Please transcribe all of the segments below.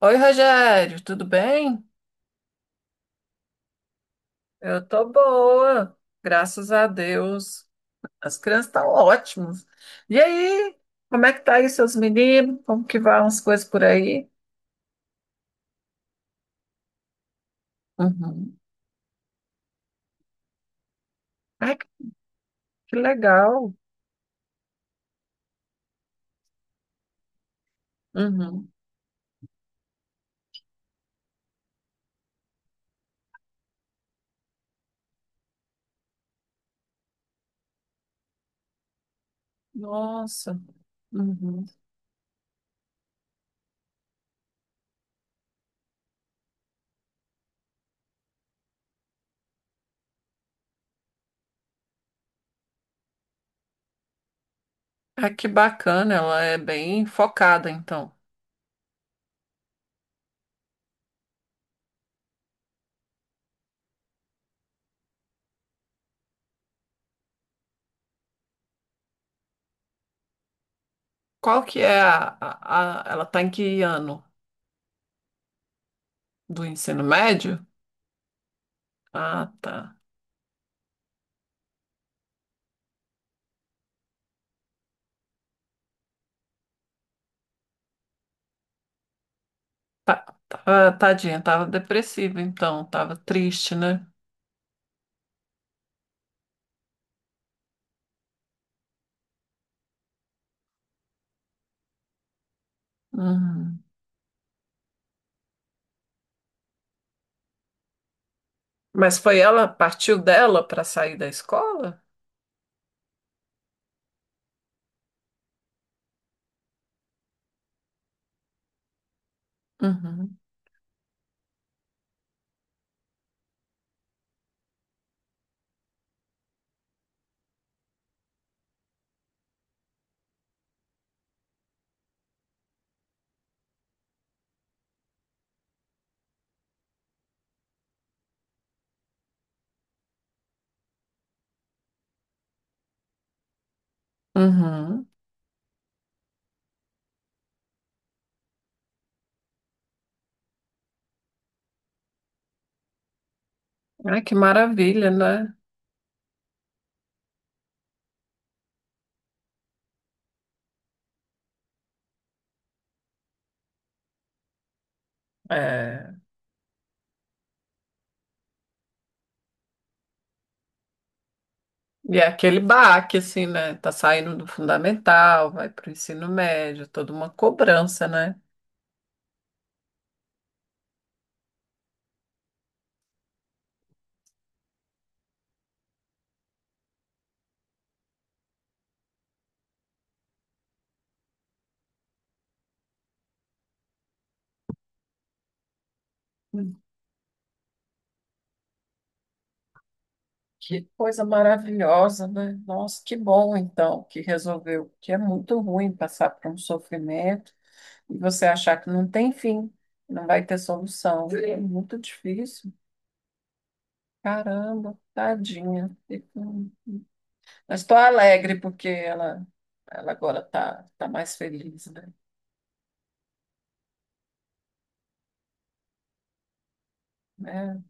Oi, Rogério, tudo bem? Eu tô boa, graças a Deus. As crianças estão ótimas. E aí, como é que tá aí seus meninos? Como que vão as coisas por aí? Uhum. Ai, que legal. Uhum. Nossa. Uhum. Ai, que bacana, ela é bem focada, então. Qual que é a- Ela tá em que ano do ensino médio? Ah, tá. Tá, tá, tadinha, tava depressiva, então, tava triste, né? Uhum. Mas foi ela, partiu dela para sair da escola? Uhum. Uhum. Ai, que maravilha, né? É, e é aquele baque, assim, né? Tá saindo do fundamental, vai para o ensino médio, toda uma cobrança, né? Hum. Que coisa maravilhosa, né? Nossa, que bom então que resolveu, que é muito ruim passar por um sofrimento e você achar que não tem fim, não vai ter solução. É muito difícil. Caramba, tadinha. Mas estou alegre porque ela agora está tá tá mais feliz, né? Né?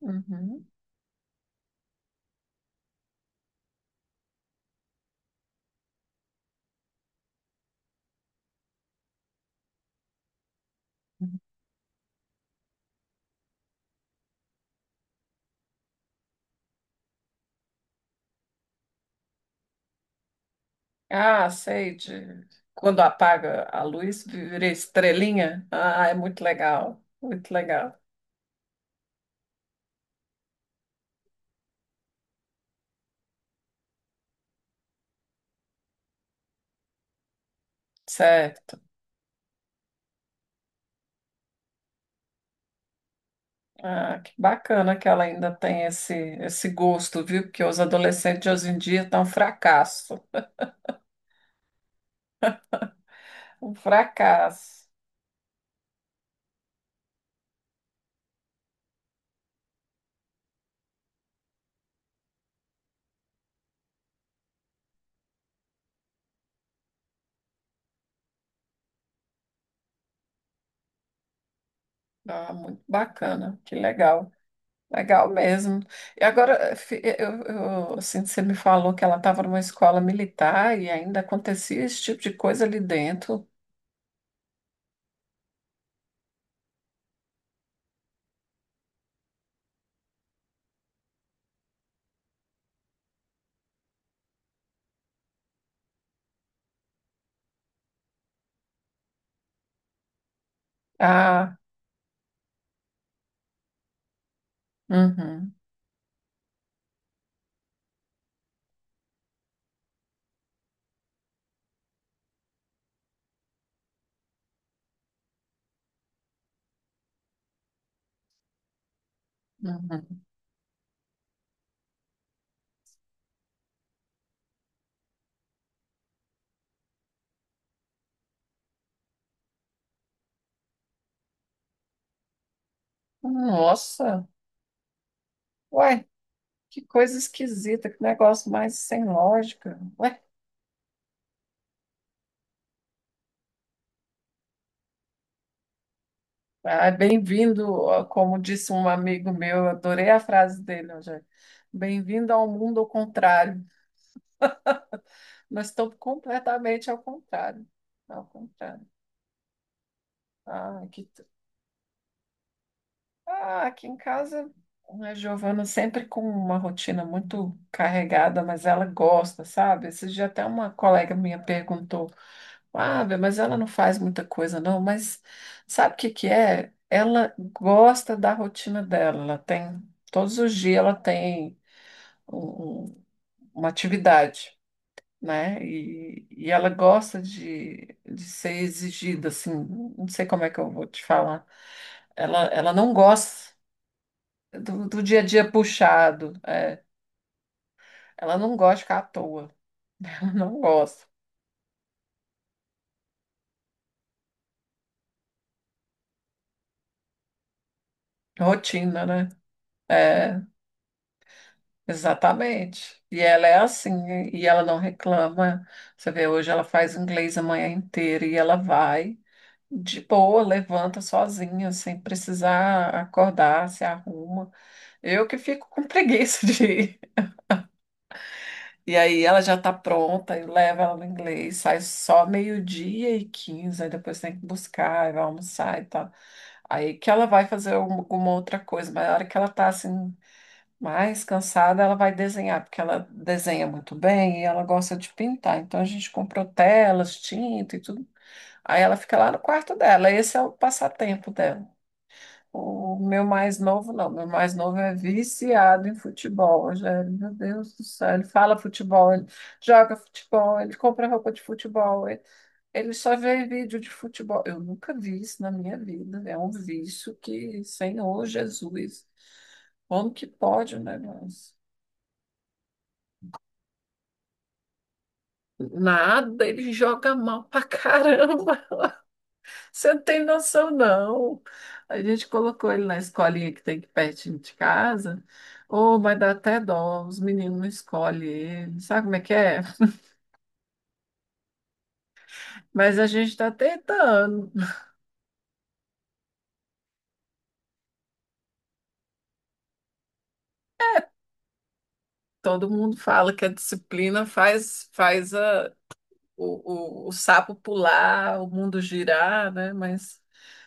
Uhum. Uhum. Ah, sei, de quando apaga a luz, vira estrelinha. Ah, é muito legal, muito legal. Certo. Ah, que bacana que ela ainda tem esse gosto, viu? Porque os adolescentes de hoje em dia estão um fracasso. Um fracasso. Ah, muito bacana, que legal. Legal mesmo. E agora, assim, você me falou que ela estava numa escola militar e ainda acontecia esse tipo de coisa ali dentro. Ah, uhum, uhum. Nossa, ué, que coisa esquisita, que negócio mais sem lógica. Ué, ah, bem-vindo, ó, como disse um amigo meu, eu adorei a frase dele hoje. Bem-vindo ao mundo ao contrário. Mas estou completamente ao contrário. Ao contrário. Ah, aqui, ah, aqui em casa, a Giovana sempre com uma rotina muito carregada, mas ela gosta, sabe? Esse dia até uma colega minha perguntou: ah, Bê, mas ela não faz muita coisa, não, mas sabe o que que é? Ela gosta da rotina dela, ela tem, todos os dias ela tem um- um- uma atividade. Né? E ela gosta de ser exigida, assim, não sei como é que eu vou te falar. Ela não gosta do dia a dia puxado, é. Ela não gosta de ficar à toa, ela não gosta. Rotina, né? É, exatamente. E ela é assim, e ela não reclama. Você vê, hoje ela faz inglês a manhã inteira e ela vai de boa, levanta sozinha, sem precisar acordar, se arruma. Eu que fico com preguiça de ir. E aí ela já tá pronta, eu levo ela no inglês, sai só meio-dia e quinze, aí depois tem que buscar, aí vai almoçar e tal. Aí que ela vai fazer um, alguma outra coisa, mas na hora que ela tá assim, mais cansada, ela vai desenhar, porque ela desenha muito bem e ela gosta de pintar. Então a gente comprou telas, tinta e tudo. Aí ela fica lá no quarto dela, esse é o passatempo dela. O meu mais novo, não. Meu mais novo é viciado em futebol, Rogério. Meu Deus do céu. Ele fala futebol, ele joga futebol, ele compra roupa de futebol. Ele só vê vídeo de futebol. Eu nunca vi isso na minha vida. É um vício que, Senhor Jesus, como que pode um negócio? Nada, ele joga mal pra caramba. Você não tem noção, não. A gente colocou ele na escolinha que tem aqui pertinho de casa. Oh, mas dá até dó, os meninos não escolhem ele. Sabe como é que é? Mas a gente está tentando. Todo mundo fala que a disciplina faz, faz o sapo pular, o mundo girar, né? Mas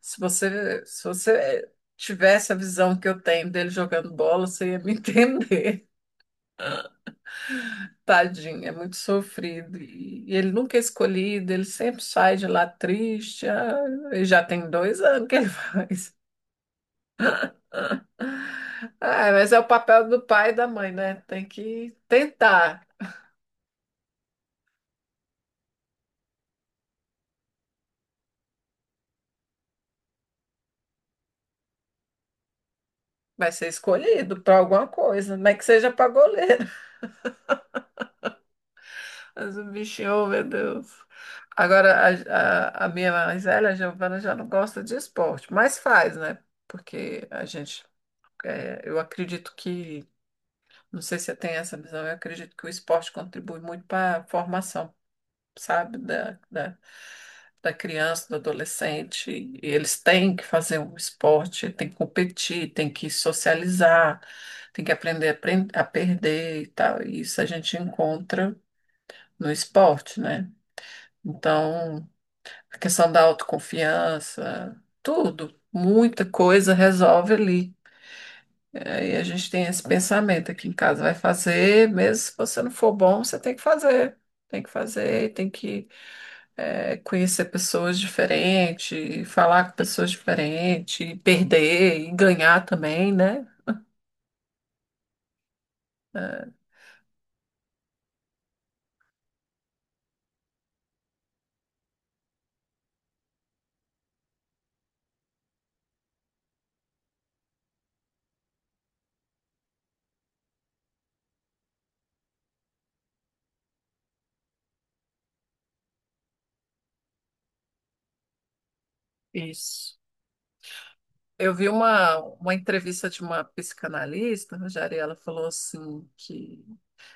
se você tivesse a visão que eu tenho dele jogando bola, você ia me entender. Tadinho, é muito sofrido. E ele nunca é escolhido, ele sempre sai de lá triste. Ah, e já tem dois anos que ele faz. Ah, mas é o papel do pai e da mãe, né? Tem que tentar. Vai ser escolhido para alguma coisa, nem que seja para goleiro. Mas o bichinho, oh, meu Deus. Agora, a minha mais velha, a Giovana, já não gosta de esporte, mas faz, né? Porque a gente, é, eu acredito que. Não sei se você tem essa visão. Eu acredito que o esporte contribui muito para a formação, sabe, da criança, do adolescente. E eles têm que fazer um esporte, têm que competir, têm que socializar, têm que aprender a perder e tal. E isso a gente encontra no esporte, né? Então, a questão da autoconfiança, tudo, muita coisa resolve ali. Aí a gente tem esse pensamento aqui em casa, vai fazer, mesmo se você não for bom, você tem que fazer. Tem que fazer, tem que conhecer pessoas diferentes, falar com pessoas diferentes, e perder e ganhar também, né? Isso. Eu vi uma entrevista de uma psicanalista, Rogério, e ela falou assim que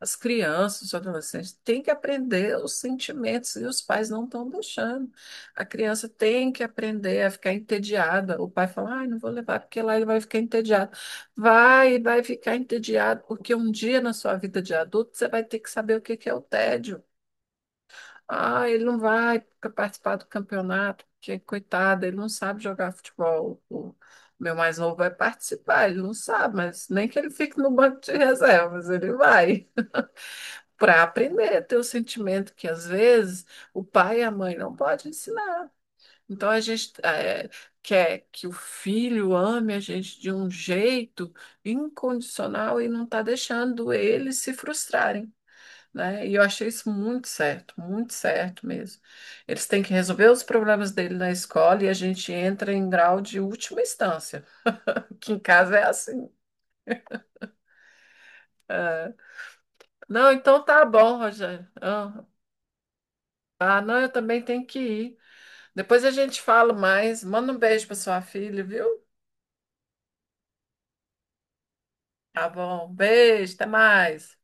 as crianças, os adolescentes têm que aprender os sentimentos e os pais não estão deixando. A criança tem que aprender a ficar entediada. O pai fala: ai, não vou levar porque lá ele vai ficar entediado. Vai ficar entediado, porque um dia na sua vida de adulto você vai ter que saber o que que é o tédio. Ah, ele não vai participar do campeonato, porque coitado, ele não sabe jogar futebol. O meu mais novo vai participar, ele não sabe, mas nem que ele fique no banco de reservas, ele vai para aprender a ter o sentimento que às vezes o pai e a mãe não podem ensinar. Então a gente quer que o filho ame a gente de um jeito incondicional e não está deixando eles se frustrarem. Né? E eu achei isso muito certo mesmo. Eles têm que resolver os problemas dele na escola e a gente entra em grau de última instância, que em casa é assim. Não, então tá bom, Rogério. Ah, ah, não, eu também tenho que ir. Depois a gente fala mais. Manda um beijo para sua filha, viu? Tá bom. Beijo, até mais.